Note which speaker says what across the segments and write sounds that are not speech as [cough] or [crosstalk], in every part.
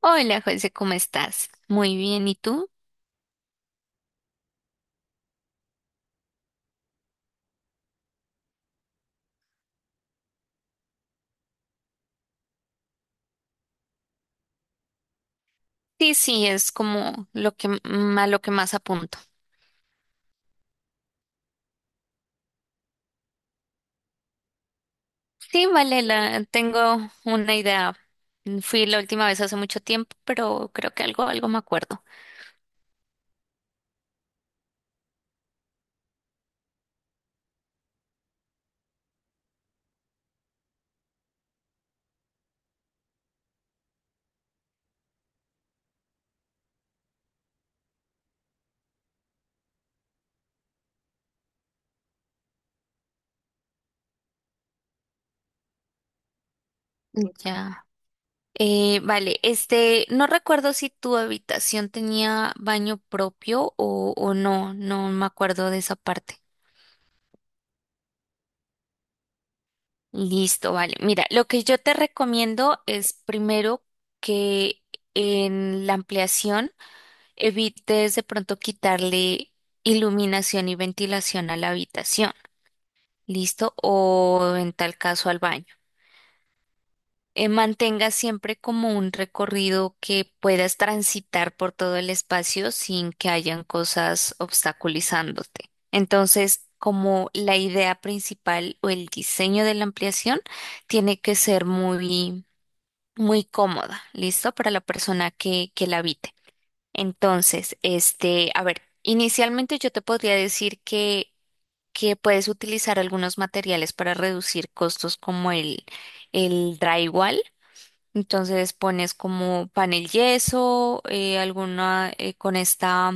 Speaker 1: Hola, José, ¿cómo estás? Muy bien, ¿y tú? Sí, es como lo a lo que más apunto. Sí, vale, tengo una idea. Fui la última vez hace mucho tiempo, pero creo que algo me acuerdo. Ya. Vale, este, no recuerdo si tu habitación tenía baño propio o no, no me acuerdo de esa parte. Listo, vale. Mira, lo que yo te recomiendo es primero que en la ampliación evites de pronto quitarle iluminación y ventilación a la habitación, ¿listo? O en tal caso al baño. Mantenga siempre como un recorrido que puedas transitar por todo el espacio sin que hayan cosas obstaculizándote. Entonces, como la idea principal o el diseño de la ampliación tiene que ser muy cómoda, ¿listo? Para la que la habite. Entonces, este, a ver, inicialmente yo te podría decir que puedes utilizar algunos materiales para reducir costos como el drywall. Entonces pones como panel yeso, alguna con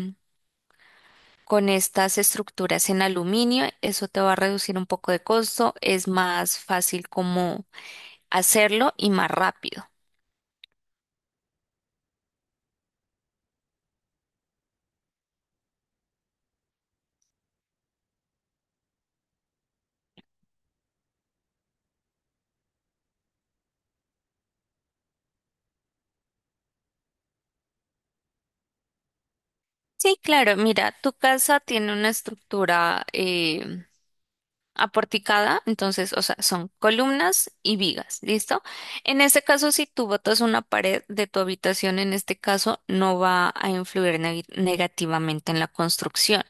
Speaker 1: con estas estructuras en aluminio, eso te va a reducir un poco de costo, es más fácil como hacerlo y más rápido. Sí, claro, mira, tu casa tiene una estructura aporticada, entonces, o sea, son columnas y vigas, ¿listo? En este caso, si tú botas una pared de tu habitación, en este caso, no va a influir negativamente en la construcción.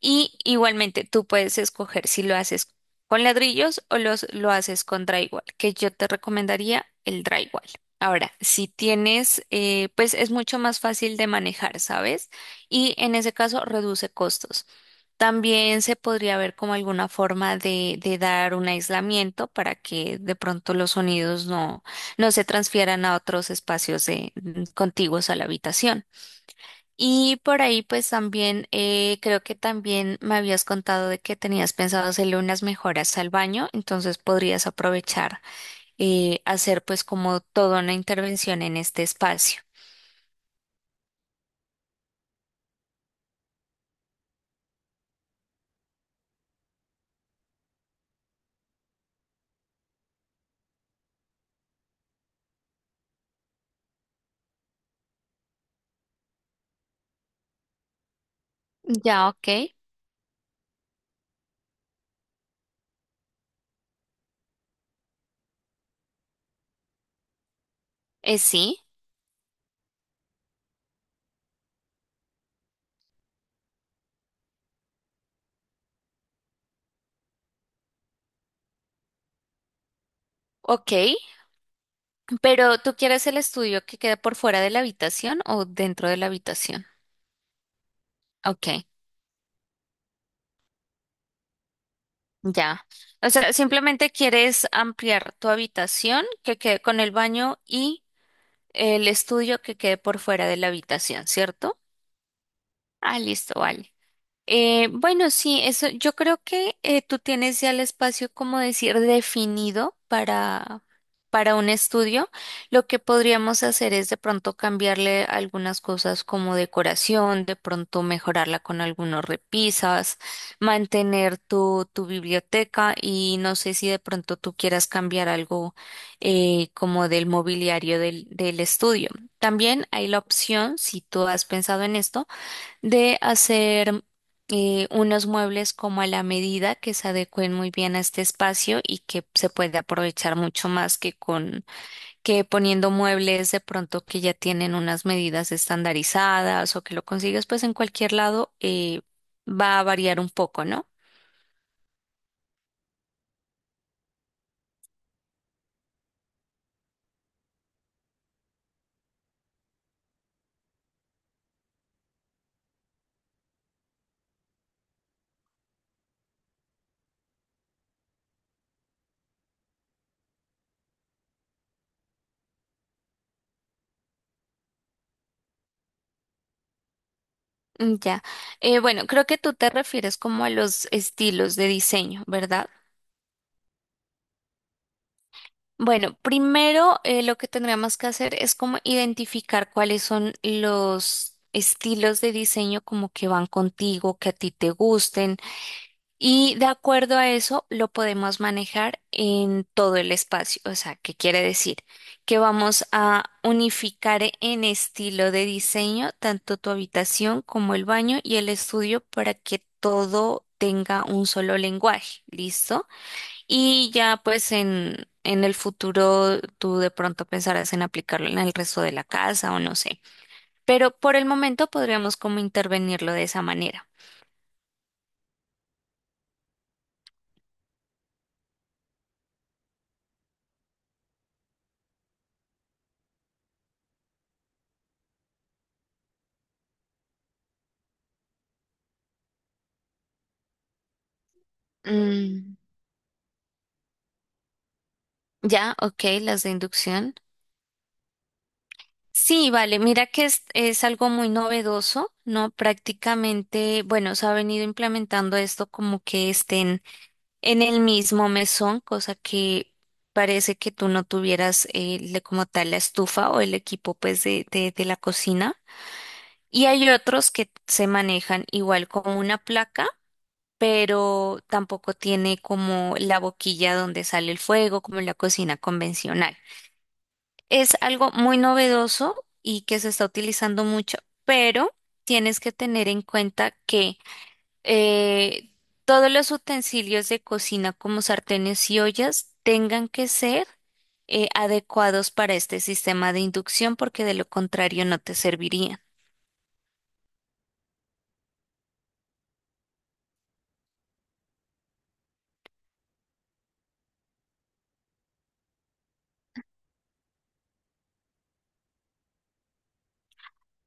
Speaker 1: Y igualmente, tú puedes escoger si lo haces con ladrillos o lo haces con drywall, que yo te recomendaría el drywall. Ahora, si tienes, pues es mucho más fácil de manejar, ¿sabes? Y en ese caso reduce costos. También se podría ver como alguna forma de dar un aislamiento para que de pronto los sonidos no se transfieran a otros espacios contiguos a la habitación. Y por ahí pues también creo que también me habías contado de que tenías pensado hacerle unas mejoras al baño, entonces podrías aprovechar hacer pues como toda una intervención en este espacio. Ya, ok. Sí, ok. Pero ¿tú quieres el estudio que quede por fuera de la habitación o dentro de la habitación? Ok, ya. O sea, simplemente quieres ampliar tu habitación que quede con el baño y el estudio que quede por fuera de la habitación, ¿cierto? Ah, listo, vale. Bueno, sí, eso, yo creo que tú tienes ya el espacio, como decir, definido para un estudio. Lo que podríamos hacer es de pronto cambiarle algunas cosas como decoración, de pronto mejorarla con algunos repisas, mantener tu biblioteca y no sé si de pronto tú quieras cambiar algo como del mobiliario del estudio. También hay la opción, si tú has pensado en esto, de hacer unos muebles como a la medida que se adecuen muy bien a este espacio y que se puede aprovechar mucho más que con que poniendo muebles de pronto que ya tienen unas medidas estandarizadas o que lo consigues pues en cualquier lado va a variar un poco, ¿no? Ya. Bueno, creo que tú te refieres como a los estilos de diseño, ¿verdad? Bueno, primero lo que tendríamos que hacer es como identificar cuáles son los estilos de diseño como que van contigo, que a ti te gusten y de acuerdo a eso lo podemos manejar en todo el espacio. O sea, ¿qué quiere decir? Que vamos a unificar en estilo de diseño tanto tu habitación como el baño y el estudio para que todo tenga un solo lenguaje. ¿Listo? Y ya pues en el futuro tú de pronto pensarás en aplicarlo en el resto de la casa o no sé. Pero por el momento podríamos como intervenirlo de esa manera. Mm, ya, ok, las de inducción. Sí, vale, mira que es algo muy novedoso, ¿no? Prácticamente, bueno, se ha venido implementando esto como que estén en el mismo mesón, cosa que parece que tú no tuvieras como tal la estufa o el equipo pues de la cocina. Y hay otros que se manejan igual como una placa, pero tampoco tiene como la boquilla donde sale el fuego, como en la cocina convencional. Es algo muy novedoso y que se está utilizando mucho, pero tienes que tener en cuenta que eh, todos los utensilios de cocina como sartenes y ollas tengan que ser adecuados para este sistema de inducción porque de lo contrario no te servirían.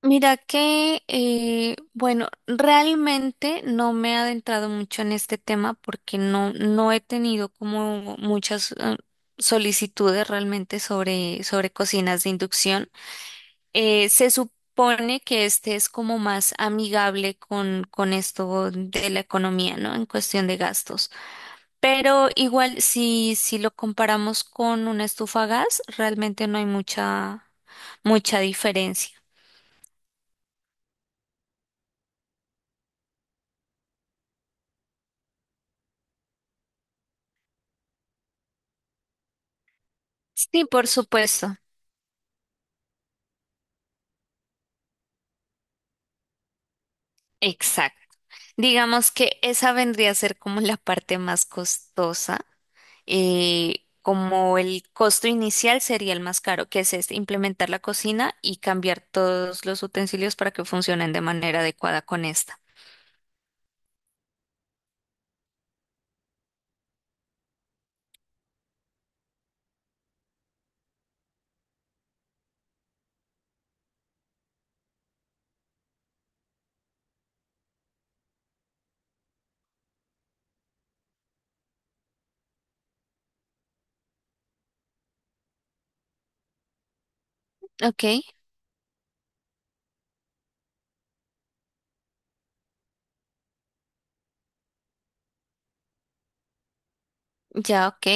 Speaker 1: Mira que, bueno, realmente no me he adentrado mucho en este tema porque no he tenido como muchas solicitudes realmente sobre cocinas de inducción. Se supone que este es como más amigable con esto de la economía, ¿no? En cuestión de gastos. Pero igual, si lo comparamos con una estufa a gas, realmente no hay mucha diferencia. Sí, por supuesto. Exacto. Digamos que esa vendría a ser como la parte más costosa. Eh, como el costo inicial sería el más caro, que es este, implementar la cocina y cambiar todos los utensilios para que funcionen de manera adecuada con esta. Ok, ya ok.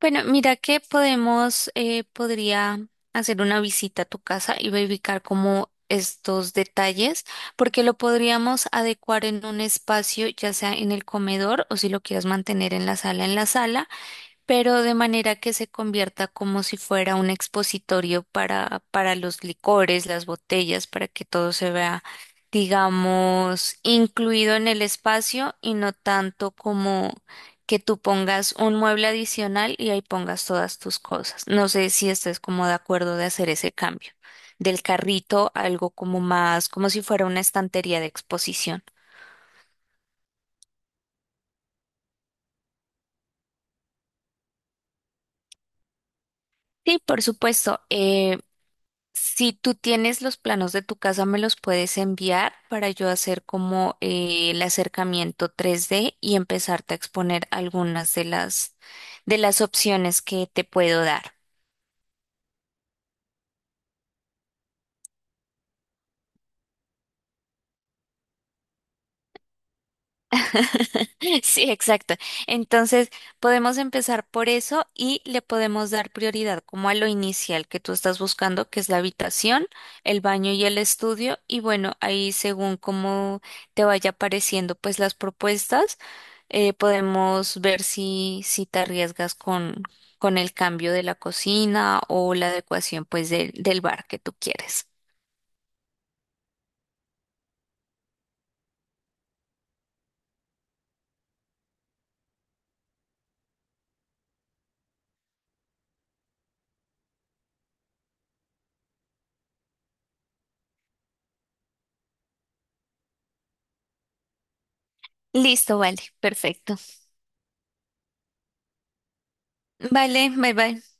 Speaker 1: Bueno, mira que podemos, podría hacer una visita a tu casa y verificar como estos detalles, porque lo podríamos adecuar en un espacio, ya sea en el comedor o si lo quieres mantener en la sala pero de manera que se convierta como si fuera un expositorio para los licores, las botellas, para que todo se vea, digamos, incluido en el espacio y no tanto como que tú pongas un mueble adicional y ahí pongas todas tus cosas. No sé si estés como de acuerdo de hacer ese cambio del carrito, a algo como más, como si fuera una estantería de exposición. Sí, por supuesto. Eh, si tú tienes los planos de tu casa, me los puedes enviar para yo hacer como el acercamiento 3D y empezarte a exponer algunas de las opciones que te puedo dar. [laughs] Sí, exacto. Entonces, podemos empezar por eso y le podemos dar prioridad como a lo inicial que tú estás buscando, que es la habitación, el baño y el estudio. Y bueno, ahí según cómo te vaya apareciendo pues las propuestas, podemos ver si te arriesgas con el cambio de la cocina o la adecuación pues del bar que tú quieres. Listo, vale, perfecto. Vale, bye bye.